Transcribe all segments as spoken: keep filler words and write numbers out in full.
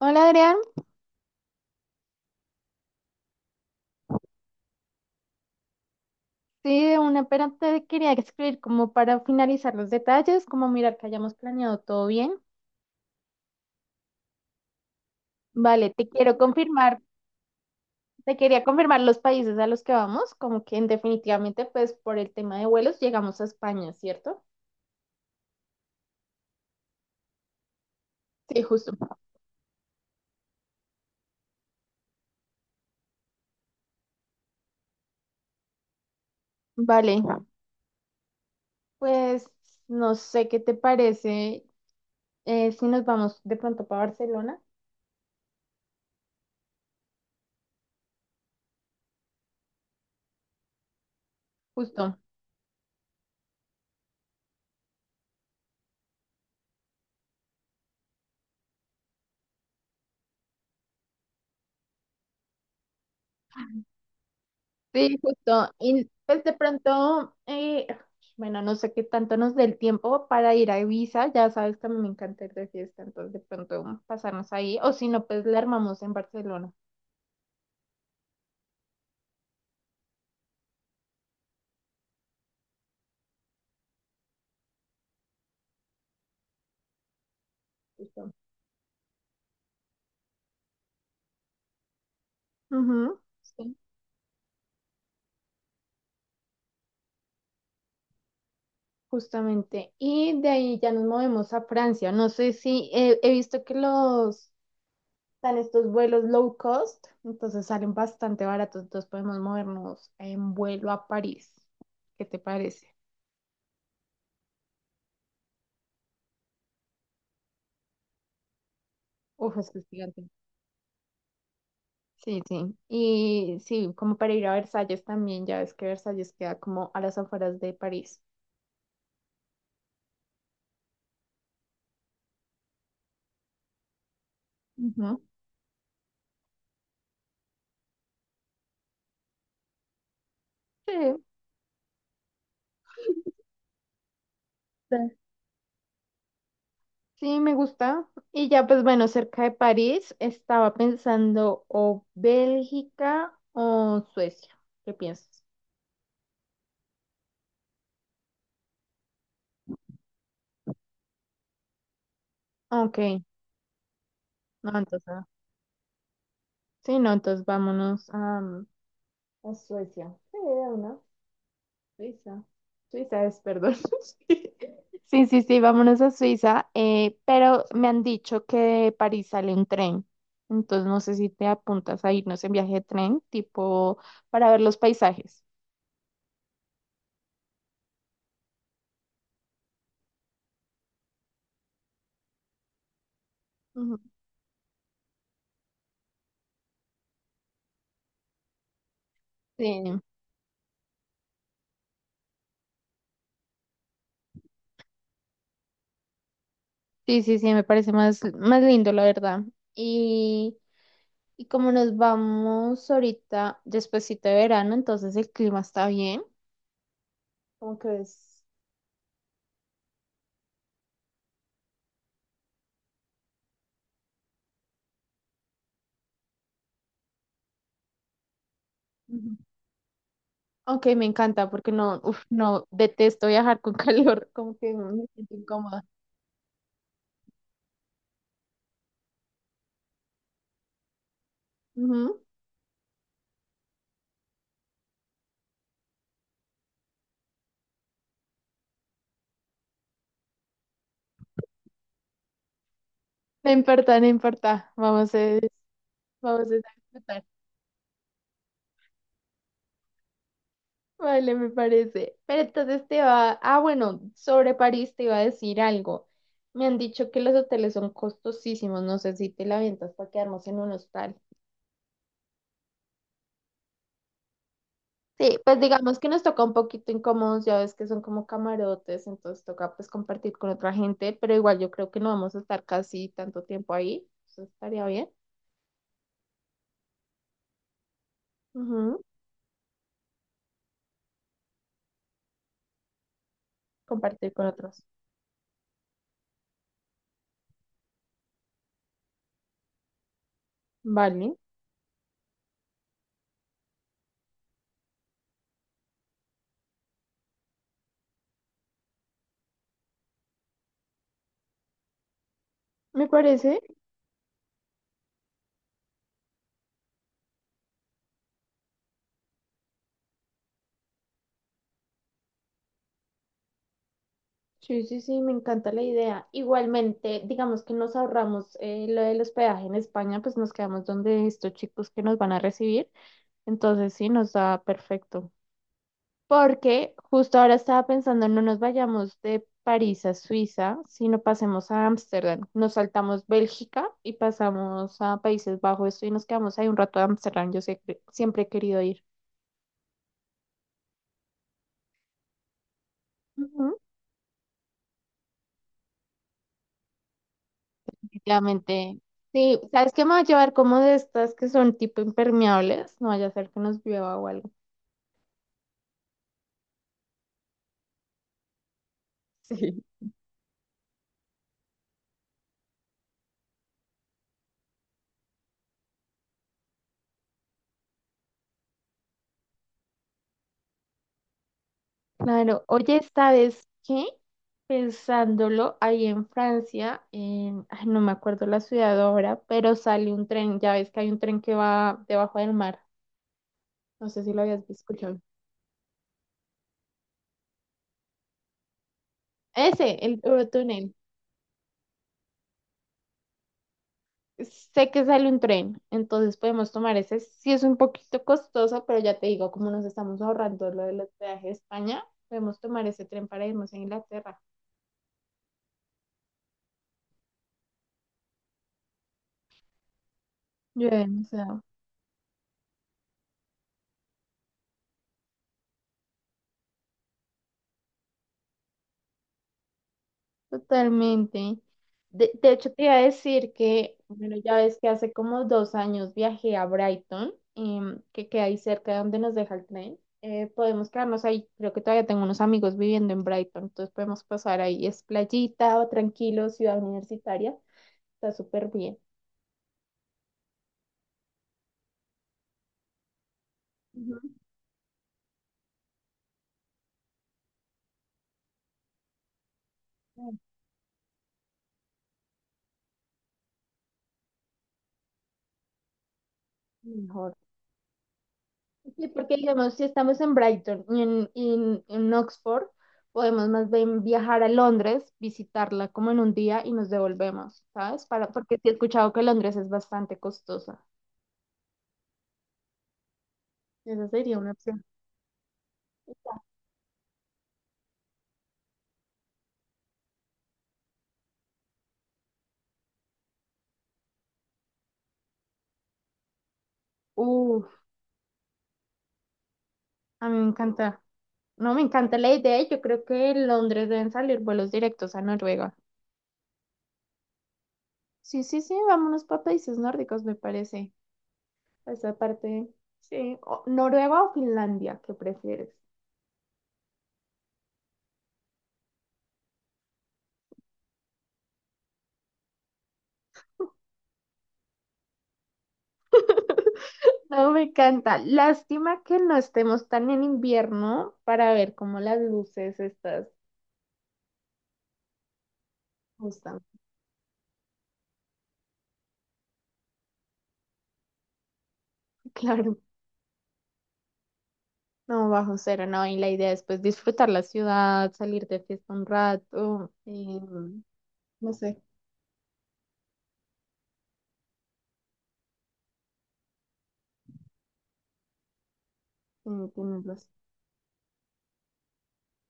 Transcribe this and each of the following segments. Hola Adrián, sí, de una, pero te quería escribir como para finalizar los detalles, como mirar que hayamos planeado todo bien. Vale, te quiero confirmar, te quería confirmar los países a los que vamos, como que definitivamente pues por el tema de vuelos llegamos a España, ¿cierto? Sí, justo. Vale, pues no sé qué te parece, eh, si nos vamos de pronto para Barcelona, justo. Sí, justo. Y pues de pronto, eh, bueno, no sé qué tanto nos dé el tiempo para ir a Ibiza. Ya sabes que a mí me encanta ir de fiesta, entonces de pronto pasarnos ahí. O si no, pues la armamos en Barcelona. Justo. Ujú, sí, justamente. Y de ahí ya nos movemos a Francia. No sé si eh, he visto que los están estos vuelos low cost, entonces salen bastante baratos. Entonces podemos movernos en vuelo a París. ¿Qué te parece? Uf, es que es gigante. Sí, sí. Y sí, como para ir a Versalles también, ya ves que Versalles queda como a las afueras de París. Ujú. Sí, sí, sí, me gusta. Y ya, pues bueno, cerca de París estaba pensando o Bélgica o Suecia. ¿Qué piensas? Ok, no, entonces, sí, no, entonces vámonos a, a Suecia. Sí, de una. Suiza. Suiza es, perdón. Sí, sí, sí, vámonos a Suiza, eh, pero me han dicho que de París sale un tren, entonces no sé si te apuntas a irnos en viaje de tren, tipo para ver los paisajes. Ujú. Sí, sí, sí, sí, me parece más, más lindo, la verdad. Y, y como nos vamos ahorita, despuesito de verano, entonces el clima está bien, como que es... Ok, me encanta porque no, uf, no, detesto viajar con calor, como que me siento incómoda. Ujú. No importa, no importa, vamos a, vamos a disfrutar. Vale, me parece. Pero entonces te va, ah, bueno, sobre París te iba a decir algo. Me han dicho que los hoteles son costosísimos, no sé si te la avientas para quedarnos en un hostal. Sí, pues digamos que nos toca un poquito incómodos, ya ves que son como camarotes, entonces toca pues compartir con otra gente, pero igual yo creo que no vamos a estar casi tanto tiempo ahí, eso estaría bien. Ujú, compartir con otros. Vale, me parece. Sí, sí, sí, me encanta la idea. Igualmente, digamos que nos ahorramos eh, lo del hospedaje en España, pues nos quedamos donde estos chicos que nos van a recibir, entonces sí, nos da perfecto. Porque justo ahora estaba pensando, no nos vayamos de París a Suiza, sino pasemos a Ámsterdam. Nos saltamos Bélgica y pasamos a Países Bajos, esto y nos quedamos ahí un rato de Ámsterdam. Yo sé que siempre he querido ir. Ujú. Definitivamente. Sí, ¿sabes qué me va a llevar como de estas que son tipo impermeables? No vaya a ser que nos llueva o algo. Sí. Claro, oye, ¿sabes qué? Pensándolo, ahí en Francia, en- ay, no me acuerdo la ciudad ahora, pero sale un tren, ya ves que hay un tren que va debajo del mar, no sé si lo habías escuchado. Ese, el Eurotúnel. Sé que sale un tren, entonces podemos tomar ese. Sí es un poquito costoso, pero ya te digo, como nos estamos ahorrando lo del hospedaje de España, podemos tomar ese tren para irnos a Inglaterra. Llueve. Totalmente. De, de hecho, te iba a decir que, bueno, ya ves que hace como dos años viajé a Brighton, em, que queda ahí cerca de donde nos deja el tren. Eh, podemos quedarnos ahí. Creo que todavía tengo unos amigos viviendo en Brighton, entonces podemos pasar ahí. Es playita, tranquilo, ciudad universitaria. Está súper bien. Ujú. Mejor. Sí, porque digamos, si estamos en Brighton y en, y en, en Oxford, podemos más bien viajar a Londres, visitarla como en un día y nos devolvemos, ¿sabes? Para, porque sí he escuchado que Londres es bastante costosa. Esa sería una opción. Uf, a mí me encanta. No, me encanta la idea y yo creo que en Londres deben salir vuelos directos a Noruega. Sí, sí, sí, vámonos para países nórdicos, me parece. Esa parte, sí. O- Noruega o Finlandia, ¿qué prefieres? No, me encanta. Lástima que no estemos tan en invierno para ver cómo las luces estas gustan. Claro, no, bajo cero, no. Y la idea es pues disfrutar la ciudad, salir de fiesta un rato, eh, no sé, eh, tenerlas.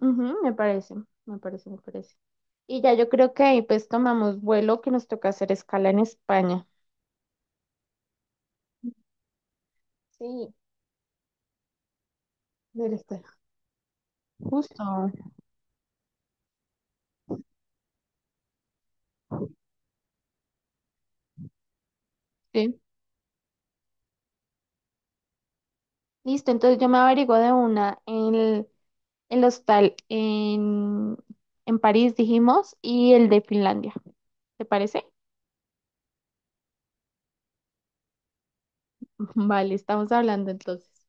Ujú, me parece, me parece, me parece. Y ya yo creo que ahí pues tomamos vuelo que nos toca hacer escala en España. Sí, del este. Justo. Sí. Listo, entonces yo me averiguo de una el el hostal en, en París, dijimos, y el de Finlandia. ¿Te parece? Vale, estamos hablando entonces.